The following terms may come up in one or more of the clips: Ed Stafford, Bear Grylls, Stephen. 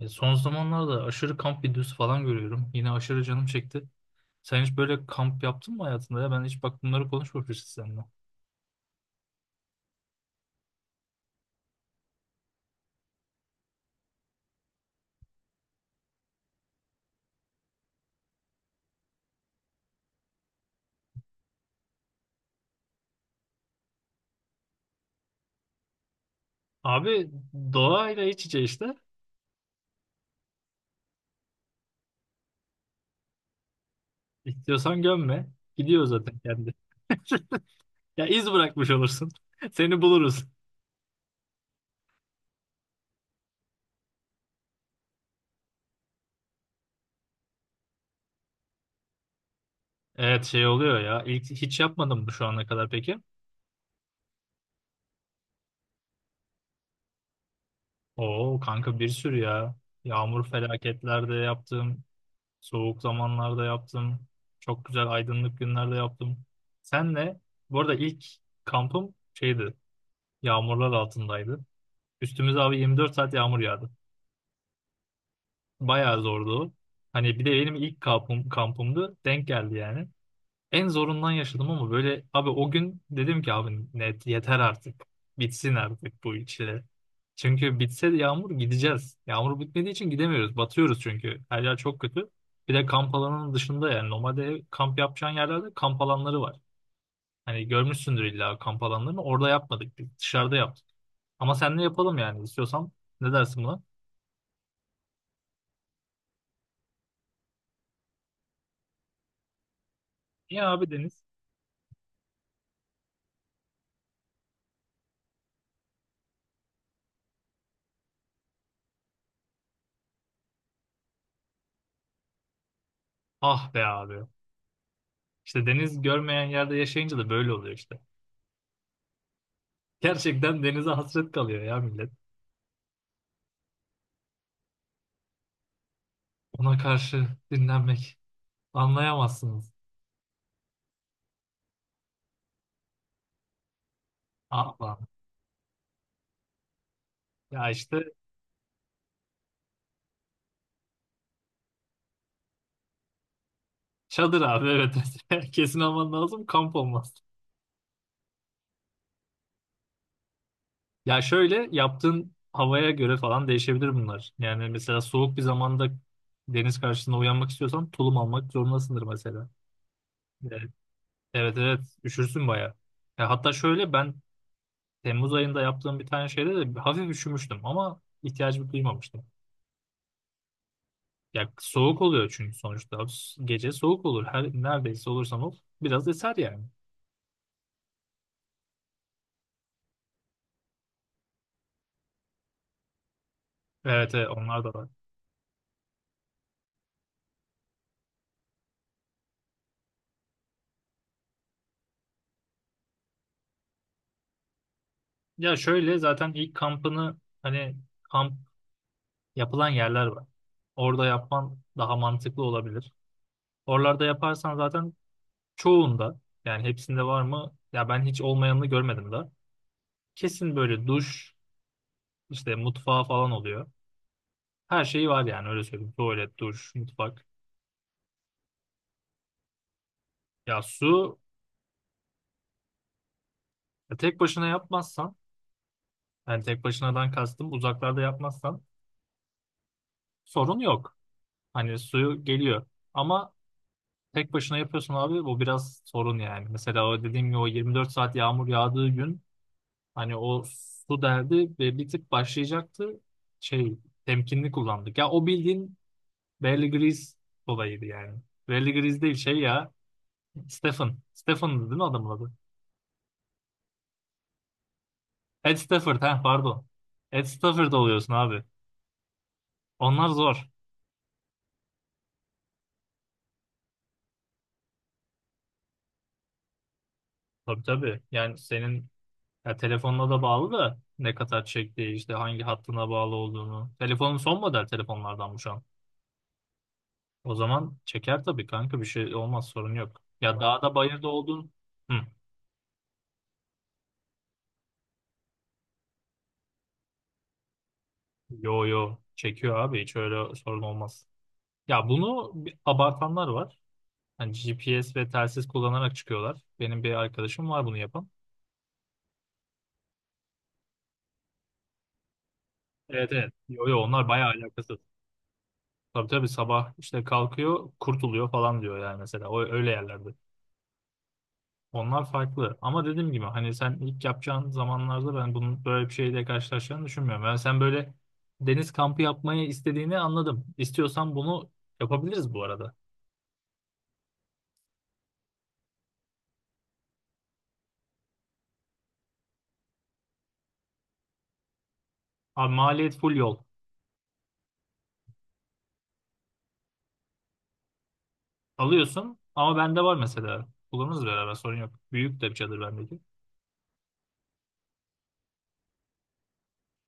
E, son zamanlarda aşırı kamp videosu falan görüyorum. Yine aşırı canım çekti. Sen hiç böyle kamp yaptın mı hayatında ya? Ben hiç bak bunları konuşmamışız seninle. Abi doğayla iç içe işte. İstiyorsan gömme. Gidiyor zaten kendi. Ya iz bırakmış olursun. Seni buluruz. Evet, şey oluyor ya. İlk hiç yapmadım mı şu ana kadar peki? Oo kanka, bir sürü ya. Yağmur felaketlerde yaptım. Soğuk zamanlarda yaptım. Çok güzel aydınlık günlerde yaptım. Senle bu arada ilk kampım şeydi. Yağmurlar altındaydı. Üstümüze abi 24 saat yağmur yağdı. Bayağı zordu Hani bir de benim ilk kampım, kampımdı. Denk geldi yani. En zorundan yaşadım ama böyle abi o gün dedim ki abi net yeter artık. Bitsin artık bu çile. Çünkü bitse de yağmur gideceğiz. Yağmur bitmediği için gidemiyoruz. Batıyoruz çünkü. Her yer çok kötü. Bir de kamp alanının dışında, yani normalde kamp yapacağın yerlerde kamp alanları var. Hani görmüşsündür illa kamp alanlarını. Orada yapmadık. Biz dışarıda yaptık. Ama seninle yapalım yani, istiyorsan. Ne dersin buna? Ya abi, deniz. Ah be abi. İşte deniz görmeyen yerde yaşayınca da böyle oluyor işte. Gerçekten denize hasret kalıyor ya millet. Ona karşı dinlenmek. Anlayamazsınız. Aman. Ya işte çadır abi, evet. Kesin alman lazım, kamp olmaz. Ya şöyle, yaptığın havaya göre falan değişebilir bunlar. Yani mesela soğuk bir zamanda deniz karşısında uyanmak istiyorsan tulum almak zorundasındır mesela. Evet, evet, evet. Üşürsün bayağı. Ya hatta şöyle, ben Temmuz ayında yaptığım bir tane şeyde de hafif üşümüştüm ama ihtiyacımı duymamıştım. Ya soğuk oluyor çünkü sonuçta. Gece soğuk olur, her neredeyse olursam ol. Biraz eser yani. Evet, evet, onlar da var. Ya şöyle, zaten ilk kampını, hani kamp yapılan yerler var. Orada yapman daha mantıklı olabilir. Oralarda yaparsan zaten çoğunda, yani hepsinde var mı? Ya ben hiç olmayanını görmedim de. Kesin böyle duş, işte mutfağı falan oluyor. Her şeyi var yani, öyle söyleyeyim. Tuvalet, duş, mutfak. Ya su, ya tek başına yapmazsan, yani tek başınadan kastım uzaklarda yapmazsan, sorun yok. Hani suyu geliyor. Ama tek başına yapıyorsun abi, bu biraz sorun yani. Mesela o dediğim gibi, o 24 saat yağmur yağdığı gün hani o su derdi ve bir tık başlayacaktı. Şey, temkinli kullandık. Ya o bildiğin Bear Grylls olayıydı yani. Bear Grylls değil şey ya. Stephen. Stephen'dı değil mi adamın adı? Ed Stafford, ha, pardon. Ed Stafford oluyorsun abi. Onlar zor. Tabii, tabii. Yani senin, ya telefonla da bağlı da, ne kadar çektiği işte hangi hattına bağlı olduğunu. Telefonun son model telefonlardan bu şu an. O zaman çeker tabii kanka, bir şey olmaz, sorun yok. Ya dağda bayırda oldun. Hı. Yo yo, çekiyor abi, hiç öyle sorun olmaz. Ya bunu bir abartanlar var. Hani GPS ve telsiz kullanarak çıkıyorlar. Benim bir arkadaşım var bunu yapan. Evet, evet. Yo yo, onlar bayağı alakasız. Tabii, tabii, sabah işte kalkıyor kurtuluyor falan diyor yani mesela. O, öyle yerlerde. Onlar farklı. Ama dediğim gibi, hani sen ilk yapacağın zamanlarda ben bunun böyle bir şeyle karşılaşacağını düşünmüyorum. Ben sen böyle deniz kampı yapmayı istediğini anladım. İstiyorsan bunu yapabiliriz bu arada. Abi maliyet full yol. Alıyorsun ama bende var mesela. Kullanırız beraber, sorun yok. Büyük de bir çadır bendeki.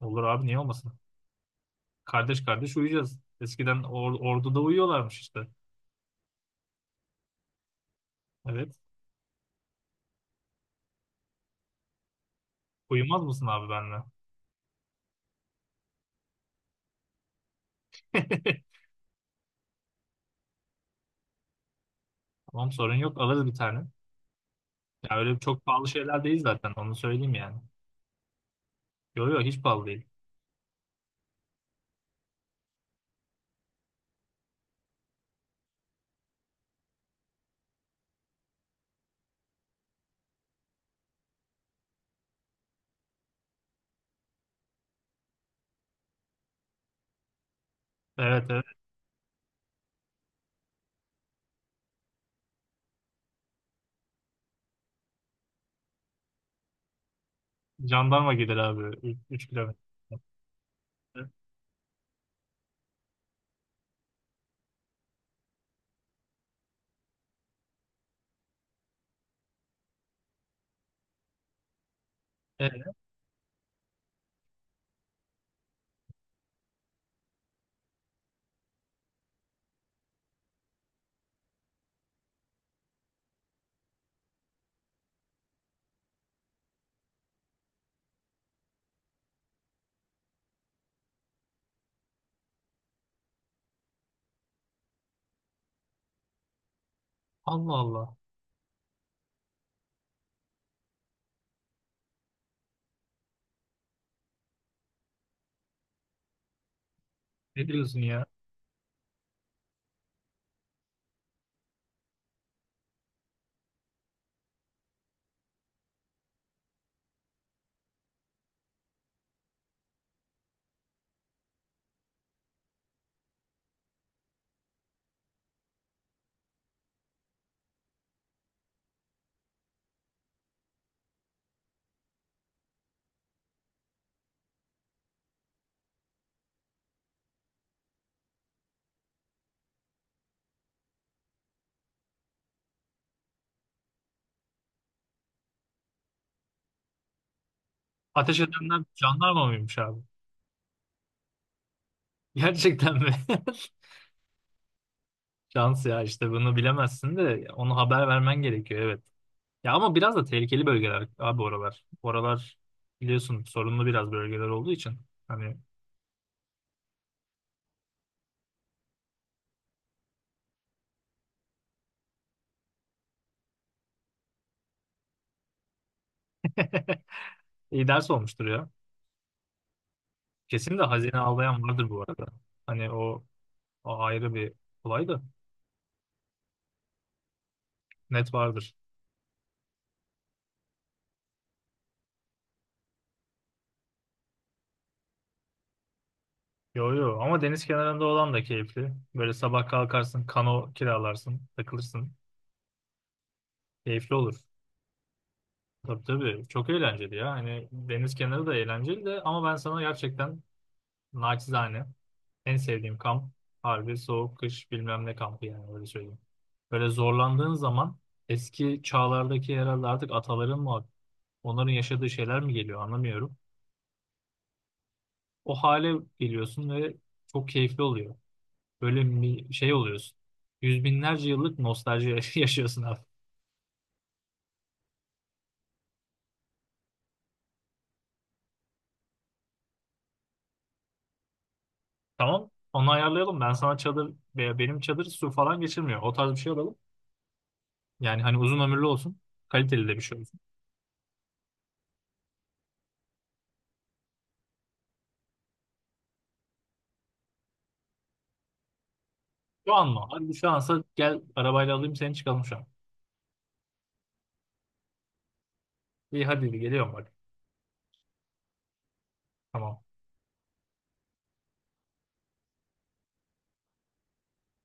Olur abi, niye olmasın? Kardeş kardeş uyuyacağız. Eskiden orduda uyuyorlarmış işte. Evet. Uyumaz mısın abi benimle? Tamam, sorun yok, alırız bir tane. Ya öyle çok pahalı şeyler değil zaten, onu söyleyeyim yani. Yok yok, hiç pahalı değil. Evet, evet. Jandarma gider abi. 3 kilometre. Evet. Allah Allah. Ne diyorsun ya? Ateş edenler jandarma mıymış abi? Gerçekten mi? Şans ya, işte bunu bilemezsin de onu haber vermen gerekiyor, evet. Ya ama biraz da tehlikeli bölgeler abi oralar. Oralar biliyorsun sorunlu biraz bölgeler olduğu için. Hani iyi ders olmuştur ya. Kesin de hazine avlayan vardır bu arada. Hani o, o ayrı bir olay da, net vardır. Yo yo, ama deniz kenarında olan da keyifli. Böyle sabah kalkarsın, kano kiralarsın, takılırsın. Keyifli olur. Tabii, tabii. Çok eğlenceli ya. Hani deniz kenarı da eğlenceli de, ama ben sana gerçekten naçizane en sevdiğim kamp harbi soğuk kış bilmem ne kampı yani, öyle söyleyeyim. Böyle zorlandığın zaman eski çağlardaki herhalde artık ataların mı, onların yaşadığı şeyler mi geliyor, anlamıyorum. O hale geliyorsun ve çok keyifli oluyor. Böyle şey oluyorsun. Yüz binlerce yıllık nostalji yaşıyorsun abi. Tamam. Onu ayarlayalım. Ben sana çadır, veya benim çadır su falan geçirmiyor, o tarz bir şey alalım. Yani hani uzun ömürlü olsun. Kaliteli de bir şey olsun. Şu an mı? Hadi şu ansa gel, arabayla alayım seni, çıkalım şu an. İyi, hadi geliyorum bak. Tamam.